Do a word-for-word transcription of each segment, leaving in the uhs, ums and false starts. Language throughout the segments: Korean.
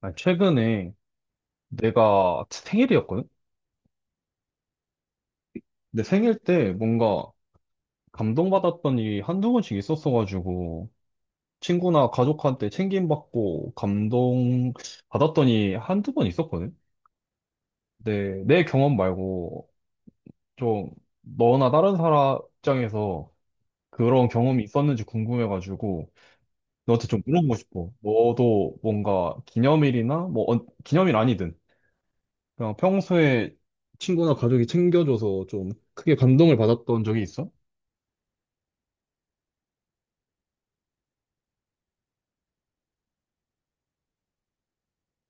아니, 최근에 내가 생일이었거든? 내 생일 때 뭔가 감동받았던 일이 한두 번씩 있었어가지고 친구나 가족한테 챙김받고 감동받았던 일이 한두 번 있었거든? 내, 내 경험 말고 좀 너나 다른 사람 입장에서 그런 경험이 있었는지 궁금해가지고 너한테 좀 물어보고 싶어. 너도 뭔가 기념일이나 뭐, 언- 기념일 아니든 그냥 평소에 친구나 가족이 챙겨줘서 좀 크게 감동을 받았던 적이 있어?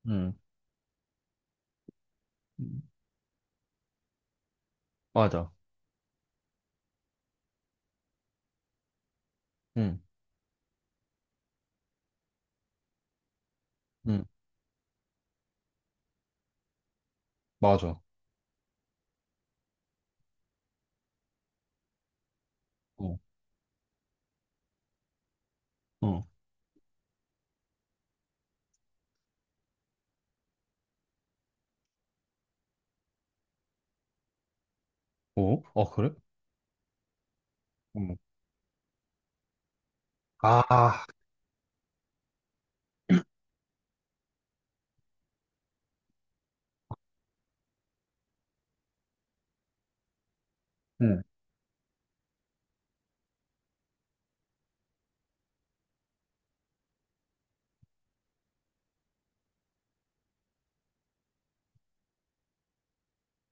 응, 맞아. 응, 응, 맞아. 어, 어, 어, 어, 그래? 응. 아, 응,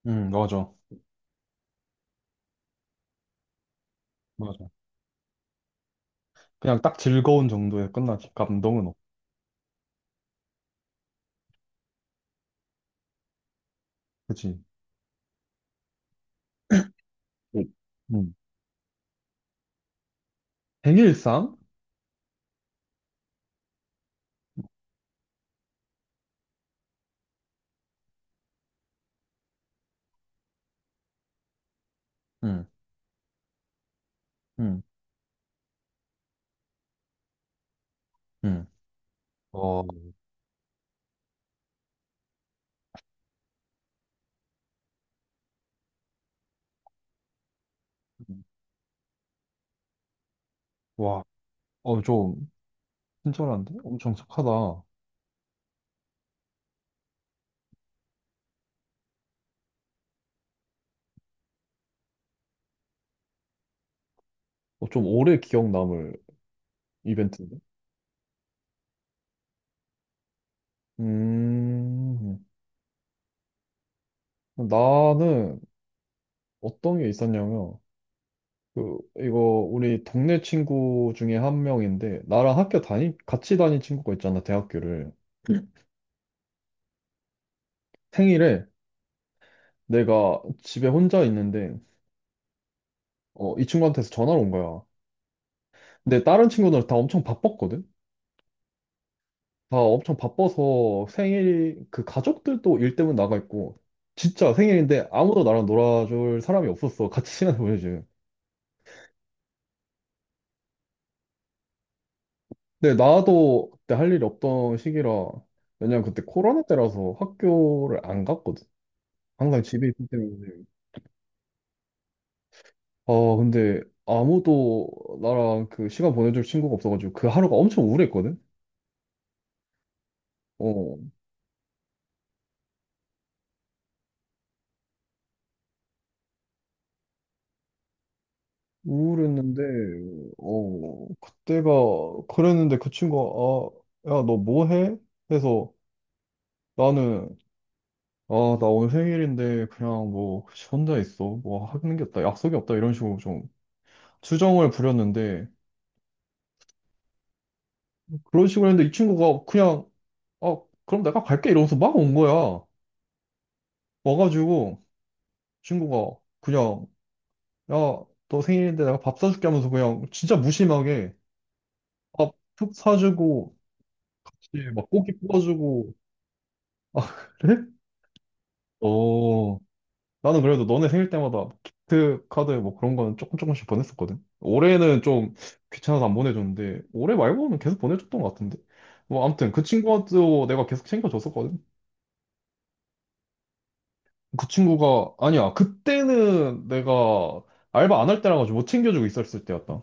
응, 맞아. 맞아. 그냥 딱 즐거운 정도에 끝나지. 감동은 없. 그치? 응. 응. 생일상? 응, 응, 응. 어, 와, 어, 좀, 친절한데? 엄청 착하다. 어, 좀 오래 기억 남을 이벤트인데? 음, 나는, 어떤 게 있었냐면, 그, 이거, 우리 동네 친구 중에 한 명인데, 나랑 학교 다니, 같이 다닌 친구가 있잖아, 대학교를. 생일에 내가 집에 혼자 있는데, 어, 이 친구한테서 전화가 온 거야. 근데 다른 친구들 다 엄청 바빴거든? 다 엄청 바빠서 생일, 그 가족들도 일 때문에 나가 있고, 진짜 생일인데 아무도 나랑 놀아줄 사람이 없었어. 같이 시간을 보내지. 근데 나도 그때 할 일이 없던 시기라, 왜냐면 그때 코로나 때라서 학교를 안 갔거든. 항상 집에 있기 때문에. 아, 근데 아무도 나랑 그 시간 보내줄 친구가 없어가지고 그 하루가 엄청 우울했거든? 어, 우울했는데, 어, 그때가, 그랬는데 그 친구가, 아, 야, 너 뭐 해? 해서 나는, 아, 나 오늘 생일인데 그냥 뭐 혼자 있어. 뭐 하는 게 없다. 약속이 없다. 이런 식으로 좀 주정을 부렸는데 그런 식으로 했는데 이 친구가 그냥, 아, 그럼 내가 갈게. 이러면서 막 온 거야. 와가지고 친구가 그냥 야, 너 생일인데 내가 밥 사줄게 하면서 그냥 진짜 무심하게 밥툭 사주고, 혹시 막 고기 구워주고. 아, 그래? 어, 나는 그래도 너네 생일 때마다 기프트 카드 뭐 그런 거는 조금 조금씩 보냈었거든. 올해는 좀 귀찮아서 안 보내줬는데, 올해 말고는 계속 보내줬던 것 같은데. 뭐, 아무튼 그 친구도 내가 계속 챙겨줬었거든. 그 친구가, 아니야, 그때는 내가 알바 안 할 때라 가지고 못 챙겨주고 있었을 때였다.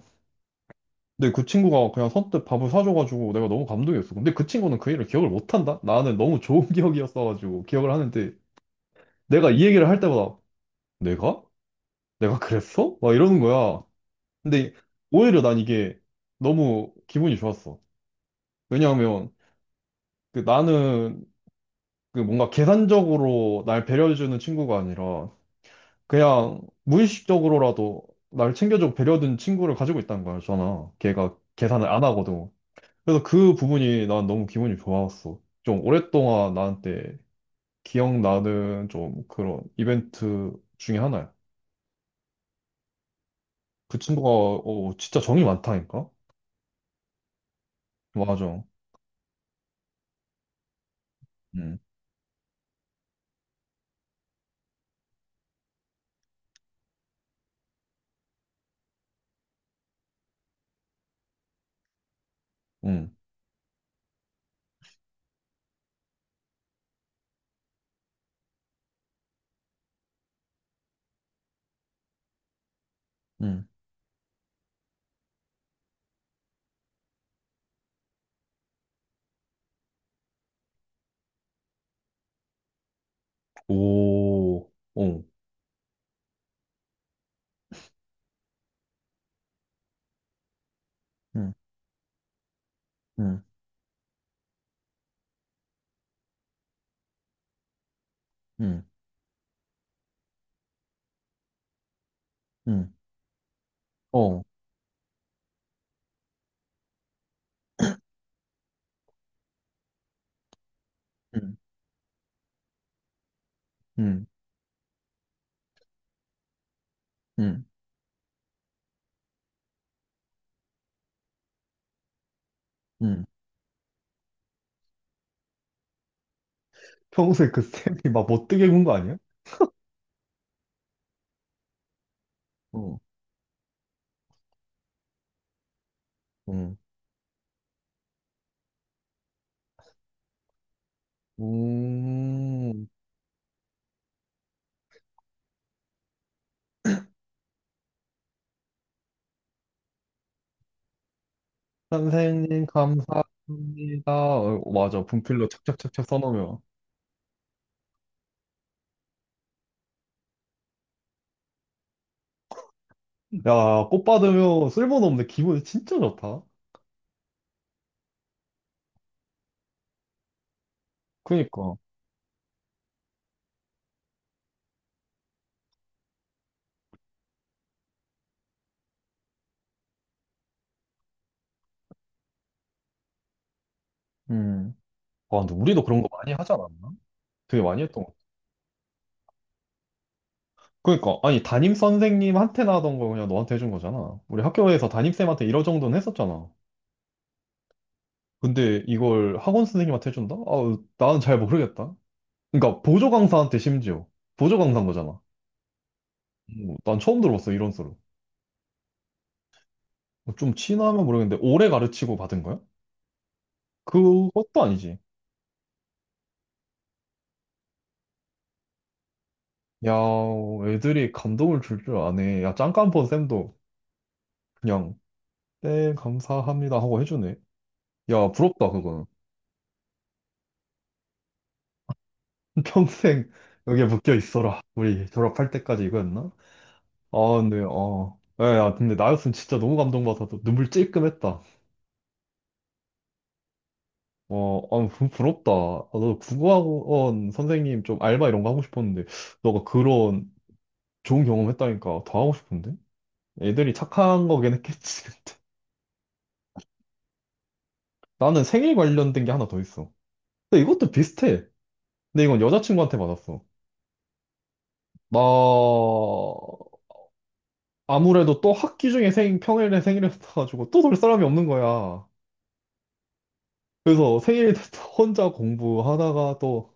근데 그 친구가 그냥 선뜻 밥을 사줘가지고 내가 너무 감동이었어. 근데 그 친구는 그 일을 기억을 못한다? 나는 너무 좋은 기억이었어가지고 기억을 하는데 내가 이 얘기를 할 때마다 내가? 내가 그랬어? 막 이러는 거야. 근데 오히려 난 이게 너무 기분이 좋았어. 왜냐하면 그 나는 그 뭔가 계산적으로 날 배려해주는 친구가 아니라 그냥 무의식적으로라도 날 챙겨주고 배려해준 친구를 가지고 있다는 거잖아. 걔가 계산을 안 하거든. 그래서 그 부분이 난 너무 기분이 좋았어. 좀 오랫동안 나한테 기억나는 좀 그런 이벤트 중에 하나야. 그 친구가 어, 진짜 정이 많다니까? 맞아. 응, 응, 응. 오, 어, 응, 응, 응, 응, 응. 어, 응, 응, 응, 응. 평소에 그 쌤이 막 못되게 군거 아니야? 어, 응. 음, 선생님 감사합니다. 어, 맞아. 분필로 착착착착 써놓으면. 야, 꽃 받으면 쓸모는 없는데 기분이 진짜 좋다. 그니까, 음. 아, 근데 우리도 그런 거 많이 하지 않았나? 되게 많이 했던 거. 그러니까 아니 담임 선생님한테나 하던 거 그냥 너한테 해준 거잖아. 우리 학교에서 담임쌤한테 이러 정도는 했었잖아. 근데 이걸 학원 선생님한테 해준다? 아, 나는 잘 모르겠다. 그러니까 보조 강사한테 심지어 보조 강사인 거잖아. 음, 난 처음 들어봤어 이런 소리. 좀 친하면 모르겠는데 오래 가르치고 받은 거야? 그것도 아니지. 야, 애들이 감동을 줄 줄 아네. 야, 짱깐폰 쌤도 그냥 네 감사합니다 하고 해주네. 야 부럽다 그거는. 평생 여기에 묶여 있어라. 우리 졸업할 때까지 이거였나? 아 근데 어. 야, 야, 근데 나였으면 진짜 너무 감동받아서 눈물 찔끔했다. 어, 아, 부- 부럽다. 아, 나도 국어학원 선생님 좀 알바 이런 거 하고 싶었는데, 너가 그런 좋은 경험 했다니까 더 하고 싶은데? 애들이 착한 거긴 했겠지, 근데. 나는 생일 관련된 게 하나 더 있어. 근데 이것도 비슷해. 근데 이건 여자친구한테 받았어. 나 아무래도 또 학기 중에 생, 평일에 생일이 붙어가지고 또 놀 사람이 없는 거야. 그래서 생일에 또 혼자 공부하다가 또,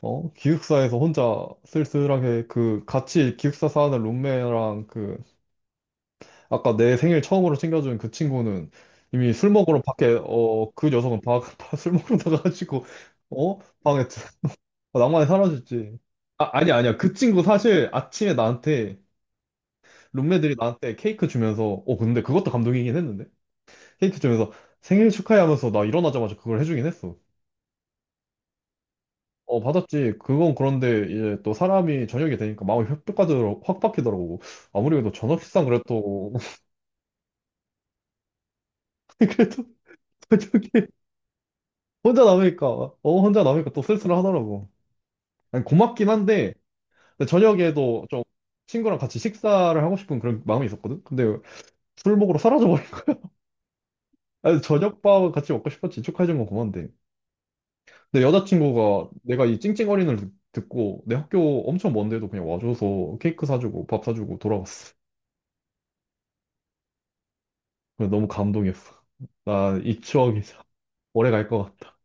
어, 기숙사에서 혼자 쓸쓸하게 그 같이 기숙사 사는 룸메랑 그 아까 내 생일 처음으로 챙겨준 그 친구는 이미 술 먹으러 밖에, 어, 그 녀석은 바, 바- 술 먹으러 나가가지고, 어, 방에 드- 낭만이 사라졌지. 아, 아니야, 아니야. 그 친구 사실 아침에 나한테 룸메들이 나한테 케이크 주면서, 어, 근데 그것도 감동이긴 했는데. 케이크 주에서 생일 축하해 하면서 나 일어나자마자 그걸 해주긴 했어. 어, 받았지. 그건 그런데 이제 또 사람이 저녁이 되니까 마음이 확 바뀌더라고. 확 바뀌더라고. 아무리 그래도 저녁 식상 그래도 그래도 저녁에 혼자 남으니까 어 혼자 남으니까 또 쓸쓸 하더라고. 아니, 고맙긴 한데 근데 저녁에도 좀 친구랑 같이 식사를 하고 싶은 그런 마음이 있었거든. 근데 술 먹으러 사라져버린. 아니, 저녁밥 같이 먹고 싶었지. 축하해준 건 고마운데. 내 여자친구가 내가 이 찡찡거리는 걸 듣고 내 학교 엄청 먼데도 그냥 와줘서 케이크 사주고 밥 사주고 돌아왔어. 그래서 너무 감동했어. 나 이 추억이 참 오래 갈 것 같아.